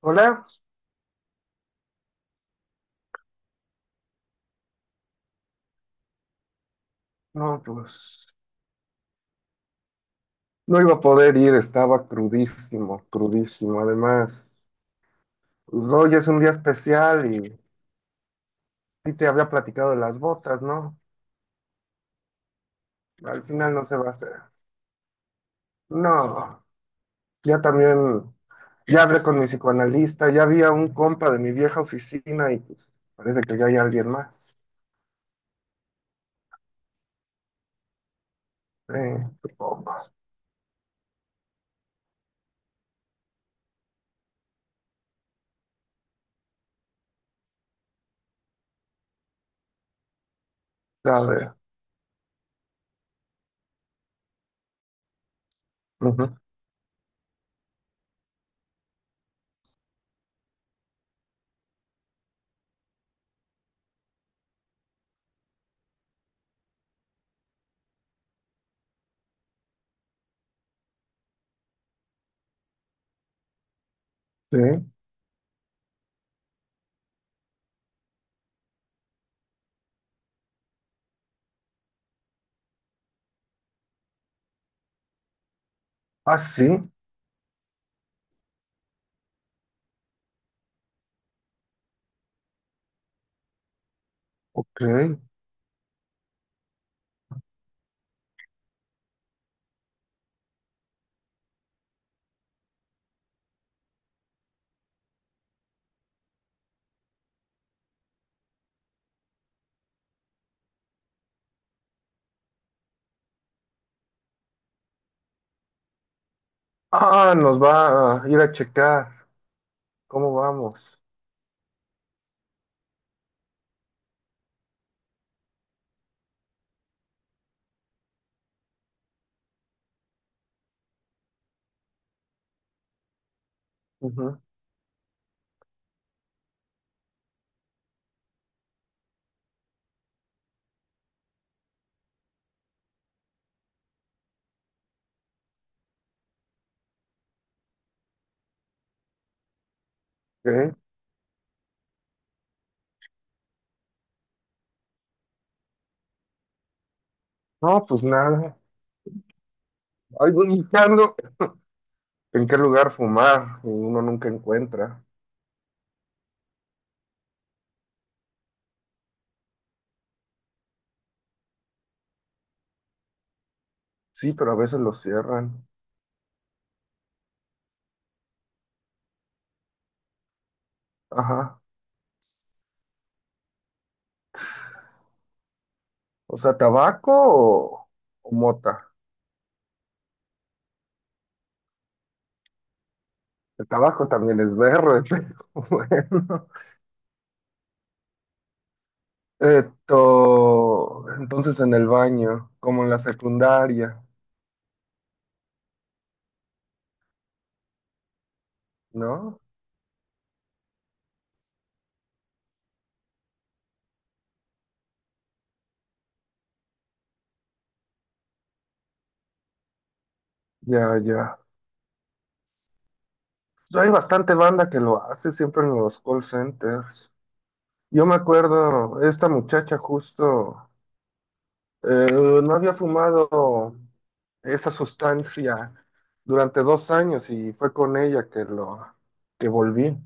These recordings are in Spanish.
Hola, no, pues no iba a poder ir, estaba crudísimo, crudísimo. Además, pues, hoy es un día especial y sí te había platicado de las botas, ¿no? Al final no se va a hacer. No, ya también, ya hablé con mi psicoanalista, ya había un compa de mi vieja oficina y pues parece que ya hay alguien más. Sí, supongo. A ver, ujú, sí. Ah, sí, ok. Ah, nos va a ir a checar cómo vamos. ¿Qué? No, pues nada. Ahí voy buscando en qué lugar fumar y uno nunca encuentra. Sí, pero a veces lo cierran. Ajá. O sea, tabaco o, o mota. El tabaco también es verde, pero bueno. Esto, entonces en el baño, como en la secundaria, ¿no? Ya, ya. Pues hay bastante banda que lo hace siempre en los call centers. Yo me acuerdo, esta muchacha justo. Eh, no había fumado esa sustancia durante 2 años y fue con ella que volví.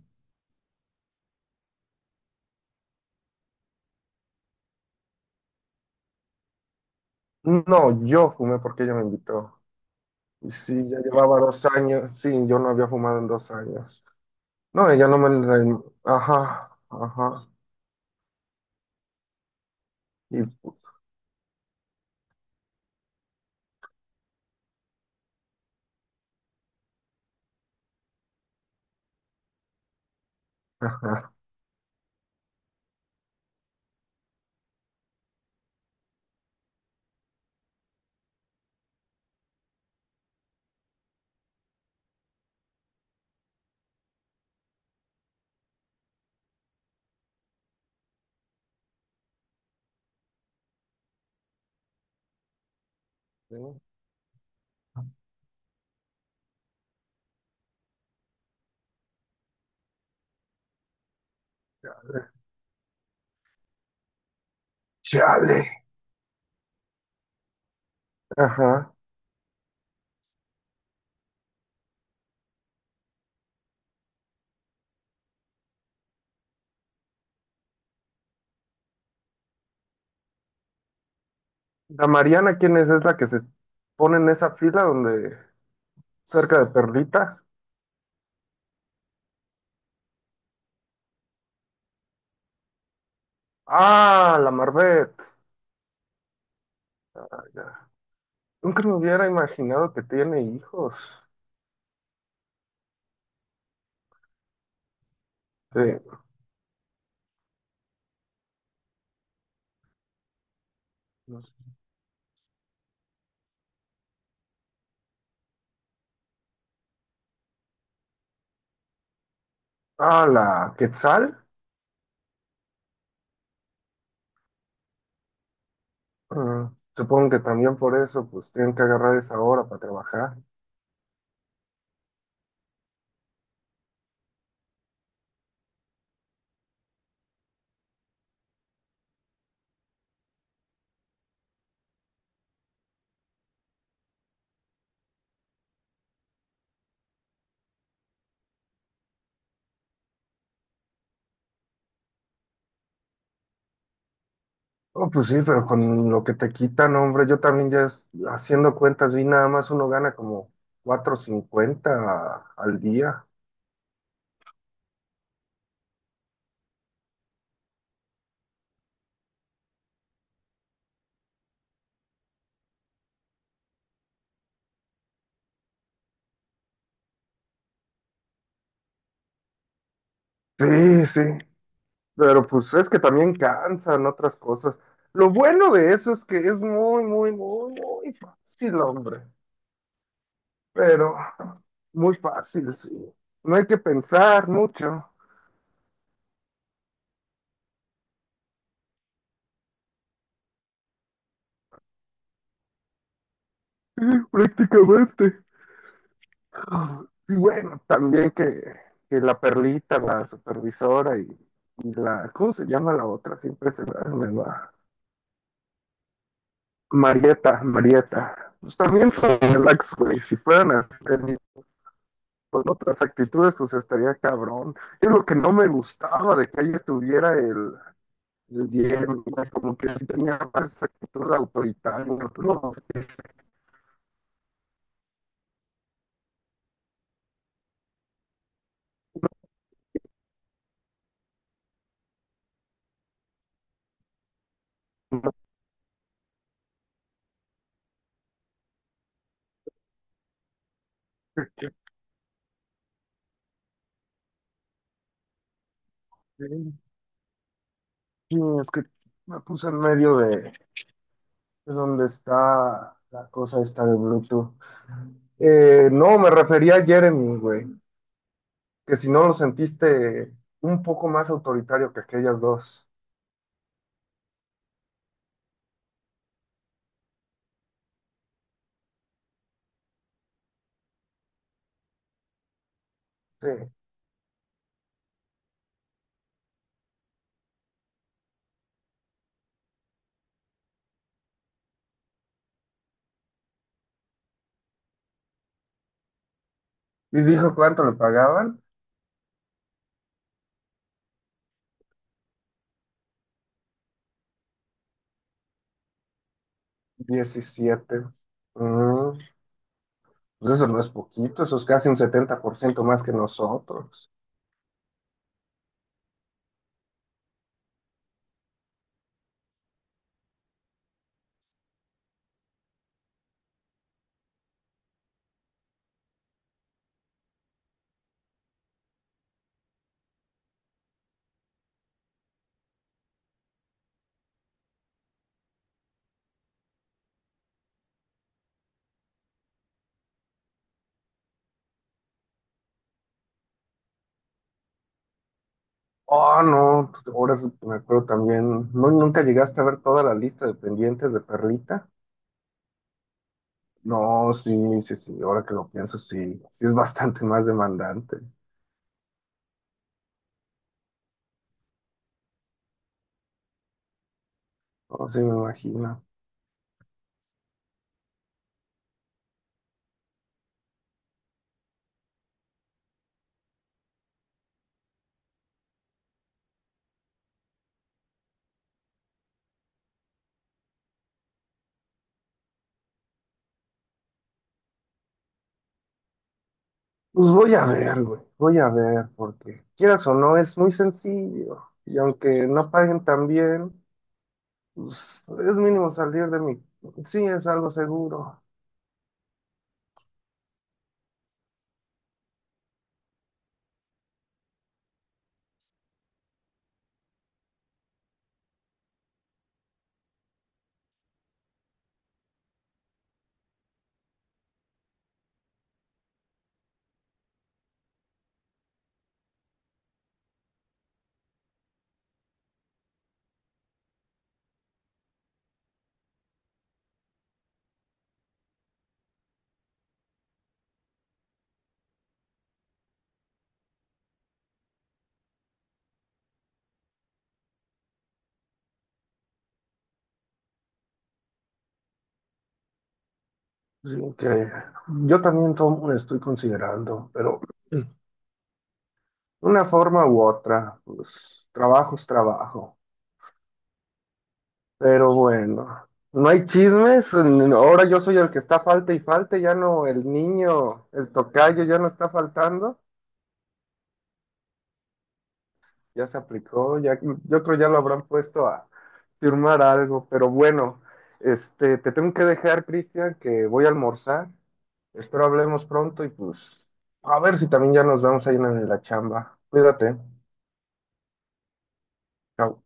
No, yo fumé porque ella me invitó. Y sí, ya llevaba 2 años. Sí, yo no había fumado en 2 años. No, ella no me... Ajá, ajá. Y... Ajá. Chale. Ajá. La Mariana, ¿quién es? Es la que se pone en esa fila donde... Cerca de Perlita. Ah, la Marbet. Nunca me hubiera imaginado que tiene hijos. Sí. Ah, la Quetzal. Mm, Supongo que también por eso, pues tienen que agarrar esa hora para trabajar. Oh, pues sí, pero con lo que te quitan, hombre, yo también haciendo cuentas vi nada más uno gana como 450 al día. Sí, sí, pero pues es que también cansan otras cosas. Lo bueno de eso es que es muy, muy, muy, muy fácil, hombre. Pero muy fácil, sí. No hay que pensar mucho. Sí, prácticamente. Y bueno, también que la Perlita, la supervisora y la, ¿cómo se llama la otra? Siempre se me va. Marieta, Marieta. Pues también son relax, güey. Si fueran así, con otras actitudes, pues estaría cabrón. Es lo que no me gustaba de que ahí estuviera el Jerry, como que sí tenía más actitud autoritaria, pero no, es Sí, es que me puse en medio de donde está la cosa esta de Bluetooth. No, me refería a Jeremy, güey, que si no lo sentiste un poco más autoritario que aquellas dos. Sí. Y dijo cuánto le pagaban. 17. Mm, pues eso no es poquito, eso es casi un 70% más que nosotros. Oh, no, ahora sí que me acuerdo también, ¿no nunca llegaste a ver toda la lista de pendientes de Perlita? No, sí, sí, sí, ahora que lo pienso, sí, sí es bastante más demandante. No, sí, me imagino. Pues voy a ver, güey, voy a ver, porque quieras o no, es muy sencillo. Y aunque no paguen tan bien, pues es mínimo salir de mi... Sí, es algo seguro. Sí, que yo también tomo, estoy considerando, pero una forma u otra, pues trabajo es trabajo. Pero bueno, no hay chismes. Ahora yo soy el que está falta y falta. Ya no, el niño, el tocayo ya no está faltando. Ya se aplicó. Ya, yo creo ya lo habrán puesto a firmar algo. Pero bueno, este, te tengo que dejar, Cristian, que voy a almorzar. Espero hablemos pronto y pues a ver si también ya nos vemos ahí en la chamba. Cuídate. Chao.